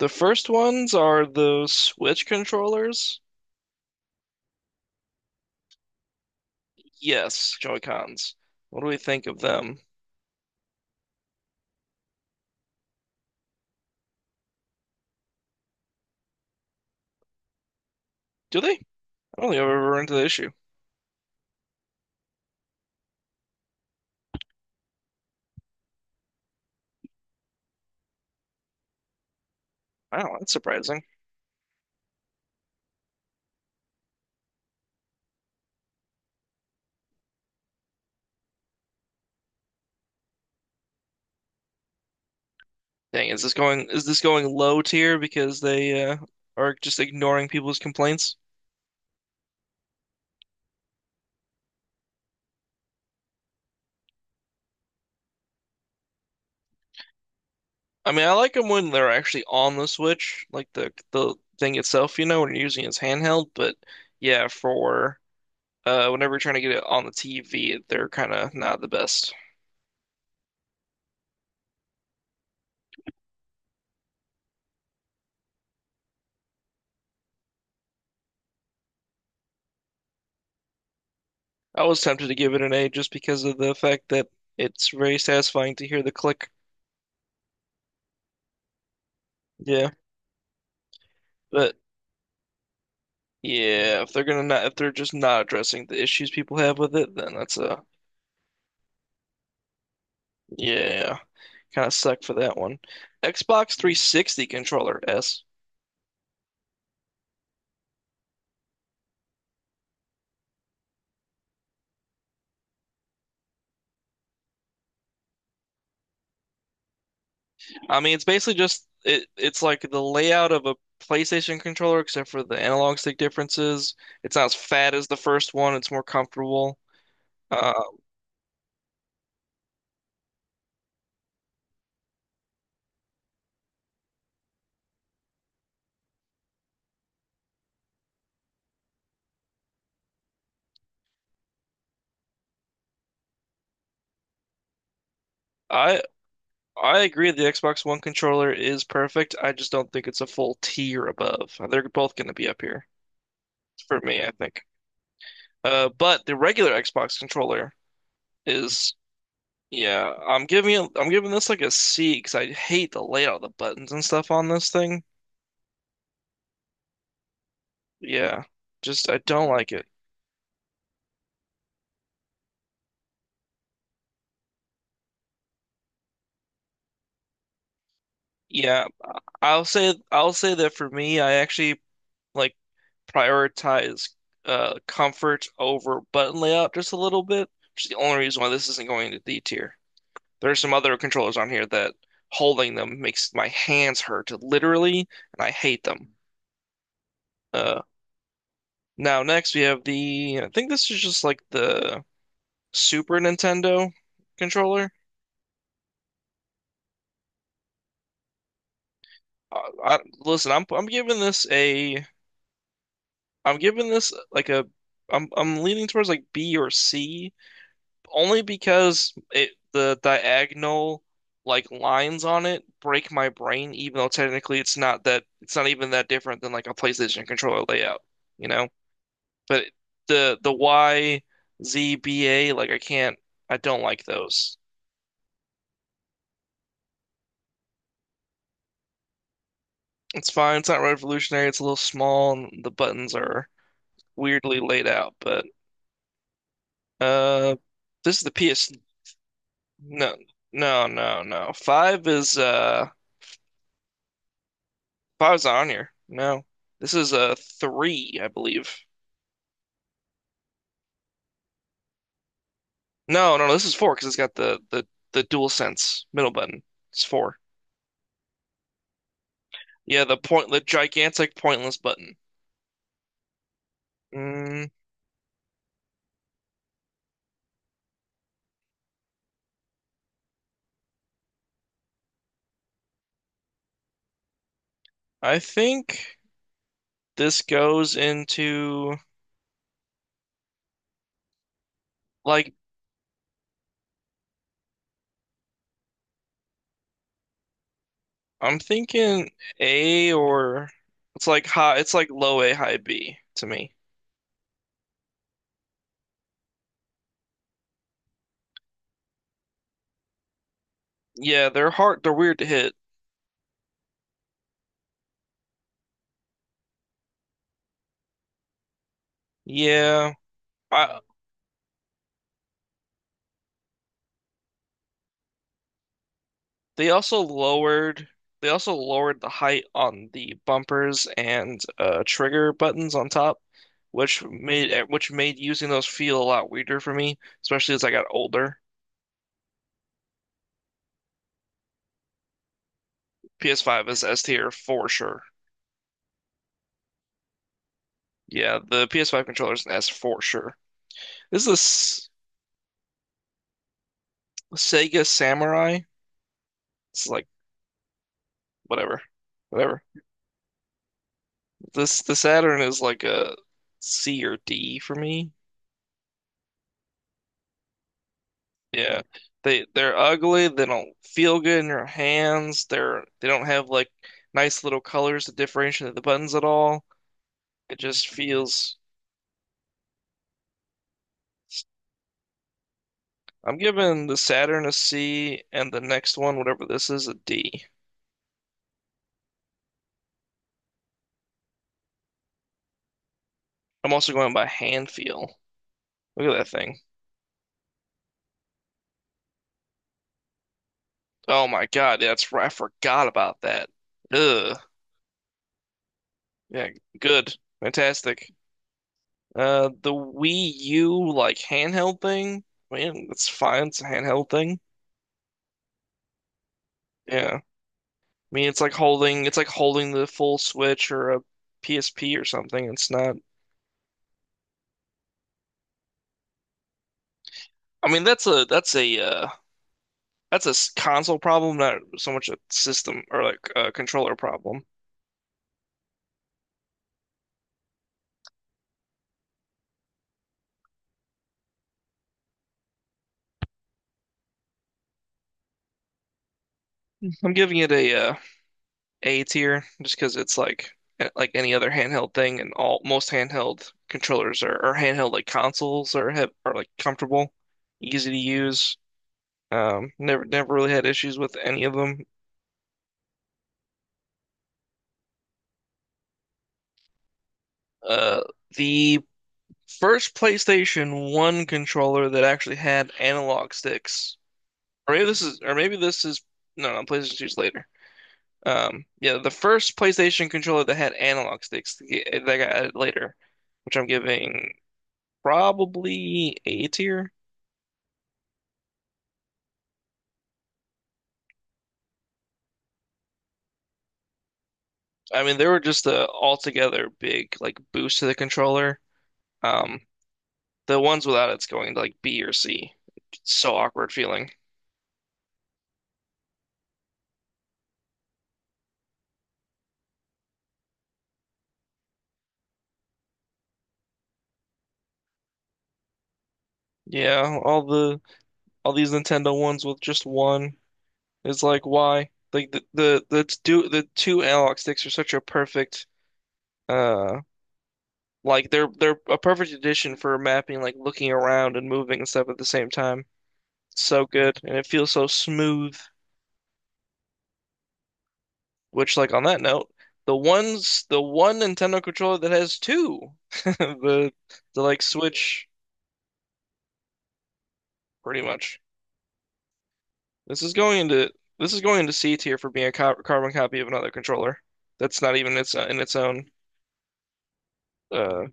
The first ones are the Switch controllers. Yes, Joy-Cons. What do we think of them? Do they? I don't think I've ever run into the issue. Wow, that's surprising. Dang, is this going low tier because they are just ignoring people's complaints? I mean, I like them when they're actually on the Switch, like the thing itself, you know, when you're using it as handheld. But yeah, for whenever you're trying to get it on the TV, they're kind of not the best. I was tempted to give it an A just because of the fact that it's very satisfying to hear the click. Yeah, but yeah, if they're gonna not, if they're just not addressing the issues people have with it, then that's a yeah, kind of suck for that one. Xbox 360 controller S. I mean, it's basically just it. It's like the layout of a PlayStation controller, except for the analog stick differences. It's not as fat as the first one. It's more comfortable. Uh, I I agree the Xbox One controller is perfect. I just don't think it's a full tier above. They're both going to be up here for me, I think. But the regular Xbox controller is, yeah, I'm giving this like a C because I hate the layout of the buttons and stuff on this thing. Yeah, just I don't like it. Yeah, I'll say that for me, I actually like prioritize comfort over button layout just a little bit, which is the only reason why this isn't going to D tier. There's some other controllers on here that holding them makes my hands hurt, literally, and I hate them. Uh, now next we have I think this is just like the Super Nintendo controller. Listen, I'm giving this a, I'm giving this like a, I'm leaning towards like B or C, only because it the diagonal like lines on it break my brain, even though technically it's not even that different than like a PlayStation controller layout, you know? But the YZBA, like I don't like those. It's fine. It's not revolutionary. It's a little small, and the buttons are weirdly laid out. But uh, this is the PS. No, no, no, no. Five is on here. No, this is a three, I believe. No, no, no, this is four because it's got the DualSense middle button. It's four. Yeah, the gigantic pointless button. Mm, I think. This goes into like I'm thinking A or it's like high it's like low A, high B to me. Yeah, they're weird to hit. Yeah. I they also lowered they also lowered the height on the bumpers and trigger buttons on top, which made using those feel a lot weirder for me, especially as I got older. PS5 is S tier for sure. Yeah, the PS5 controller is an S for sure. This is Sega Samurai. It's like whatever, whatever. This the Saturn is like a C or D for me. Yeah, they're ugly. They don't feel good in your hands. They don't have like nice little colors to differentiate the buttons at all. It just feels. I'm giving the Saturn a C and the next one, whatever this is, a D. I'm also going by hand feel. Look at that thing. Oh my God, that's right. I forgot about that. Ugh. Yeah, good. Fantastic. The Wii U like handheld thing. I mean, it's fine. It's a handheld thing. Yeah. I mean, it's like holding the full Switch or a PSP or something. It's not. I mean, that's a console problem, not so much a system or like a controller problem. I'm giving it a A tier just because it's like eh, like any other handheld thing, and all most handheld controllers are or handheld like consoles are like comfortable, easy to use. Never really had issues with any of them. Uh, the first PlayStation 1 controller that actually had analog sticks, or maybe this is, no, no, PlayStation Two's later. Yeah, the first PlayStation controller that had analog sticks yeah, that got added later, which I'm giving probably A tier. I mean, they were just a altogether big like boost to the controller. Um, the ones without it's going to like B or C. It's so awkward feeling. Yeah, all these Nintendo ones with just one is like why? Like the two analog sticks are such a perfect uh like they're a perfect addition for mapping like looking around and moving and stuff at the same time. So good and it feels so smooth. Which like on that note, the one Nintendo controller that has two the the like Switch pretty much. This is going into this is going into C tier for being a co carbon copy of another controller. That's not even its in its own. Uh,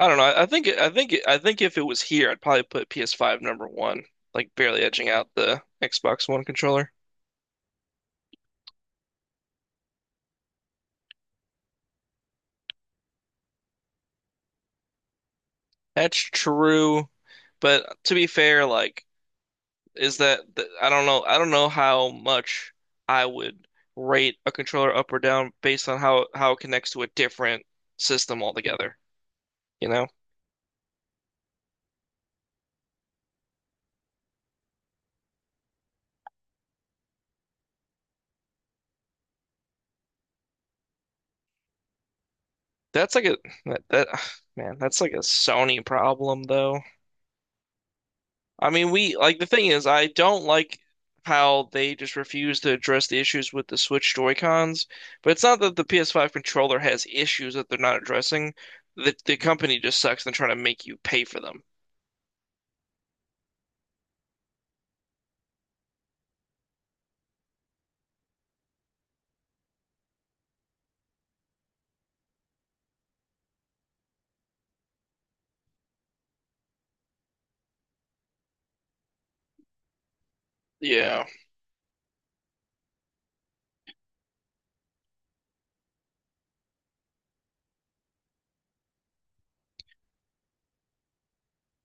I don't know. I think it- I think it- I think if it was here, I'd probably put PS5 number one, like barely edging out the Xbox One controller. That's true, but to be fair, like I don't know. I don't know how much I would rate a controller up or down based on how it connects to a different system altogether. You know? That's like a that man, that's like a Sony problem though. I mean, we like the thing is I don't like how they just refuse to address the issues with the Switch Joy-Cons, but it's not that the PS5 controller has issues that they're not addressing. The company just sucks and trying to make you pay for them. Yeah.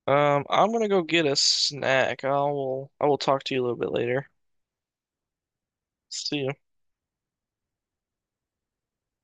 I'm gonna go get a snack. I will talk to you a little bit later. See you.